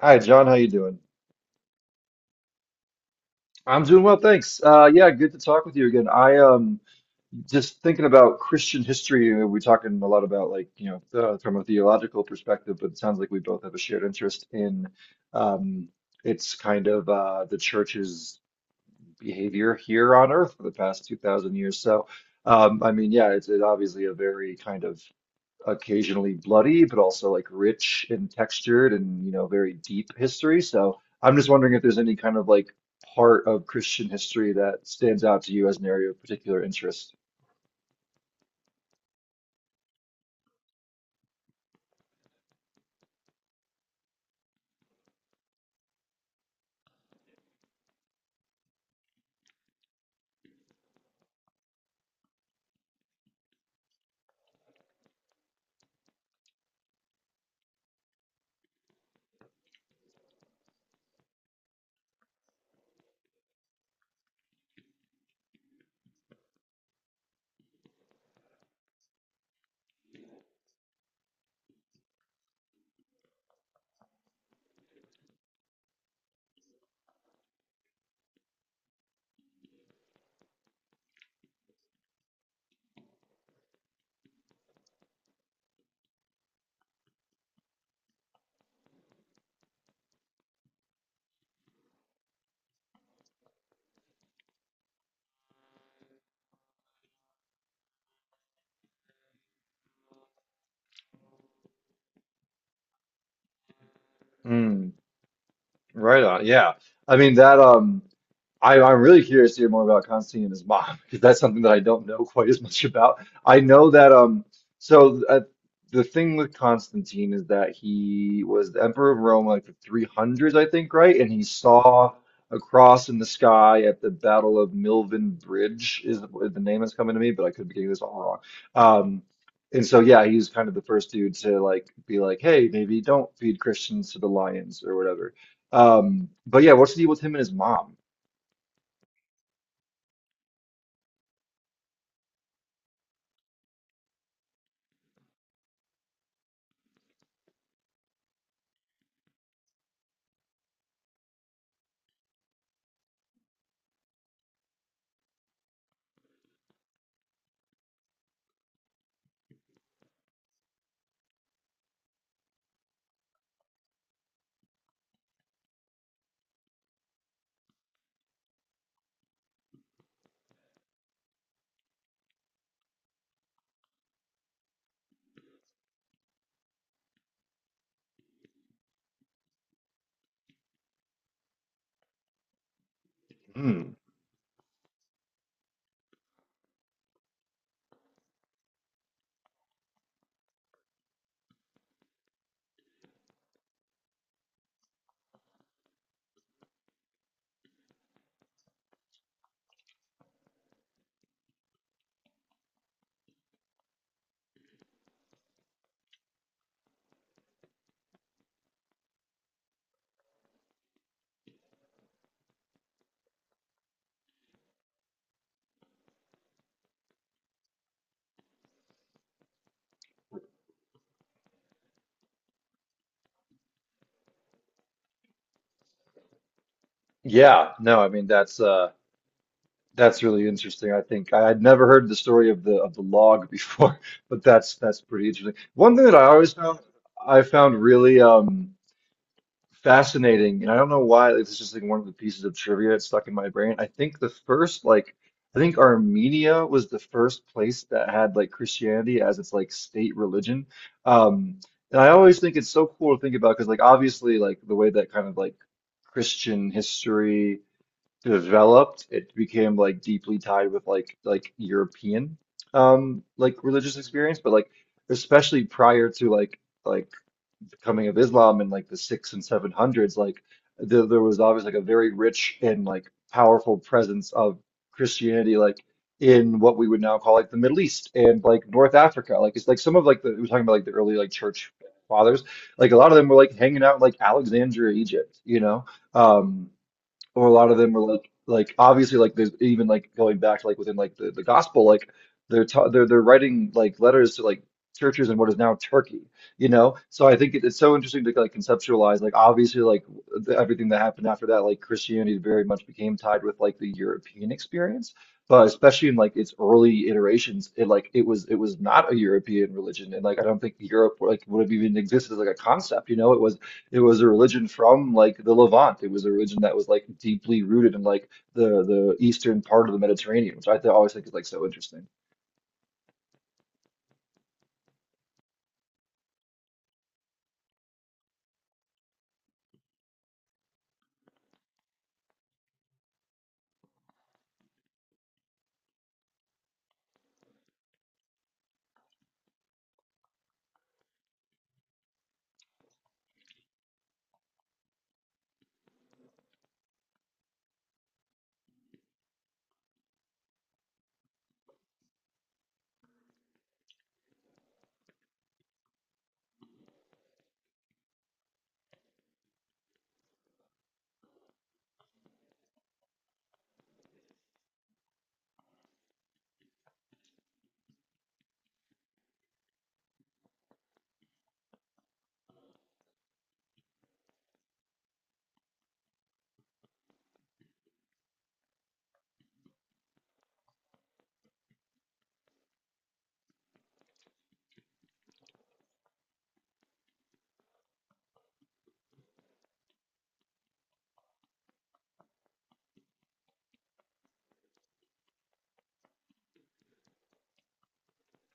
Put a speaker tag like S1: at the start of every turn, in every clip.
S1: Hi, John. How you doing? I'm doing well, thanks. Yeah, good to talk with you again. I just thinking about Christian history. We're talking a lot about like you know from a theological perspective, but it sounds like we both have a shared interest in um it's kind of the church's behavior here on earth for the past 2,000 years. So I mean, yeah, it's obviously a very kind of occasionally bloody, but also like rich and textured and, you know, very deep history. So I'm just wondering if there's any kind of like part of Christian history that stands out to you as an area of particular interest. Mm, right on. Yeah. I mean that I'm really curious to hear more about Constantine and his mom because that's something that I don't know quite as much about. I know that so uh, the thing with Constantine is that he was the emperor of Rome like the 300s, I think, right? And he saw a cross in the sky at the Battle of Milvian Bridge is the name that's coming to me, but I could be getting this all wrong. Um, and so yeah, he was kind of the first dude to like be like, hey, maybe don't feed Christians to the lions or whatever. But yeah, what's the deal with him and his mom? Mm. Yeah, no, I mean that's that's really interesting. I think I had never heard the story of the log before, but that's pretty interesting. One thing that I always found really fascinating, and I don't know why it's just like one of the pieces of trivia that's stuck in my brain. I think Armenia was the first place that had like Christianity as its like state religion. Um and I always think it's so cool to think about because like obviously like the way that kind of like Christian history developed, it became like deeply tied with like European like religious experience, but like especially prior to like the coming of Islam in like the six and seven hundreds, like there was obviously like a very rich and like powerful presence of Christianity like in what we would now call like the Middle East and like North Africa. Like it's like some of like the we're talking about like the early like church fathers, like a lot of them were like hanging out in, like Alexandria, Egypt, you know? Um or a lot of them are like obviously like there's even like going back like within like the gospel like they're writing like letters to like churches in what is now Turkey you know so I think it's so interesting to like conceptualize like obviously like everything that happened after that like Christianity very much became tied with like the European experience but especially in like its early iterations it like it was not a European religion and like I don't think Europe like would have even existed as like a concept you know it was a religion from like the Levant. It was a religion that was like deeply rooted in like the eastern part of the Mediterranean, which I th always think is like so interesting.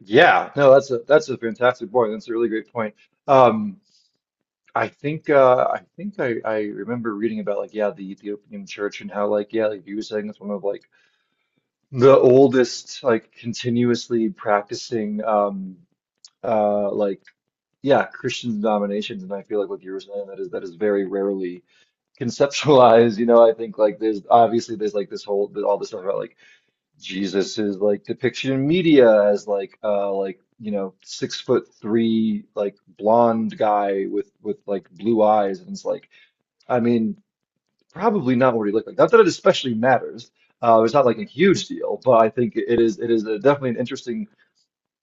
S1: Yeah, no, that's a fantastic point. That's a really great point. Um, I think I think I remember reading about like yeah the Ethiopian church and how like yeah like you were saying it's one of like the oldest like continuously practicing like yeah Christian denominations and I feel like what you were saying that is very rarely conceptualize, you know, I think like there's obviously there's like this whole all this stuff about like Jesus's like depiction in media as like you know 6'3" like blonde guy with like blue eyes and it's like I mean probably not what he looked like. Not that it especially matters. It's not like a huge deal, but I think it is definitely an interesting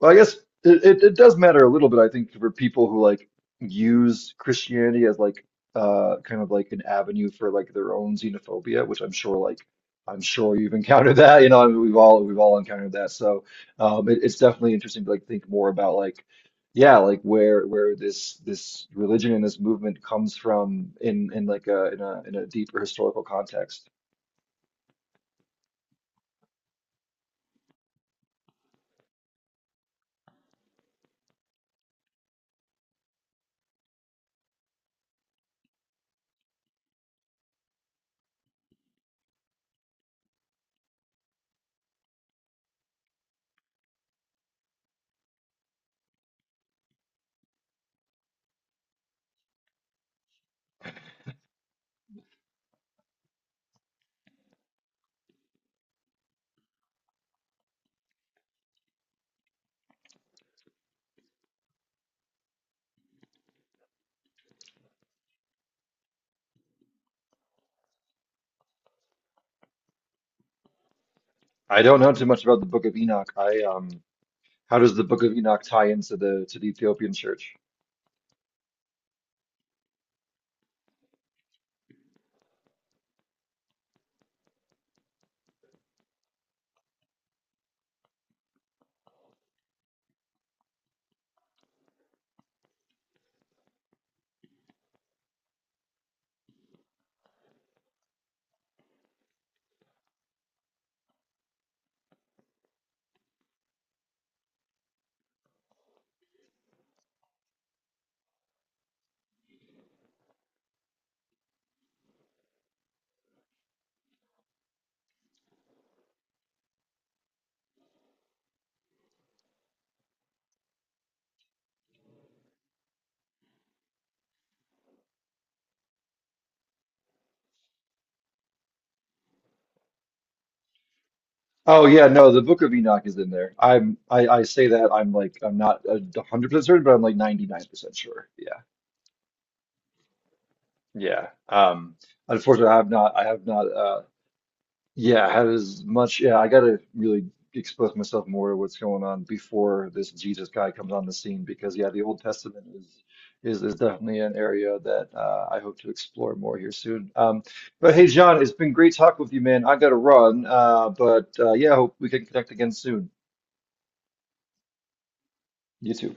S1: well, I guess it does matter a little bit, I think, for people who like use Christianity as like kind of like an avenue for like their own xenophobia, which I'm sure like I'm sure you've encountered that, you know, I mean, we've all encountered that. So it's definitely interesting to like think more about like yeah, like where this religion and this movement comes from in like a in a deeper historical context. I don't know too much about the Book of Enoch. I How does the Book of Enoch tie into the Ethiopian church? Oh yeah, no, the Book of Enoch is in there. I say that I'm like I'm not 100% certain, but I'm like 99% sure. Yeah, yeah. Unfortunately, I have not. I have not. Yeah, had as much. Yeah, I gotta really expose myself more to what's going on before this Jesus guy comes on the scene because yeah, the Old Testament is definitely an area that I hope to explore more here soon. But hey, John, it's been great talking with you, man. I gotta run. But yeah, hope we can connect again soon. You too.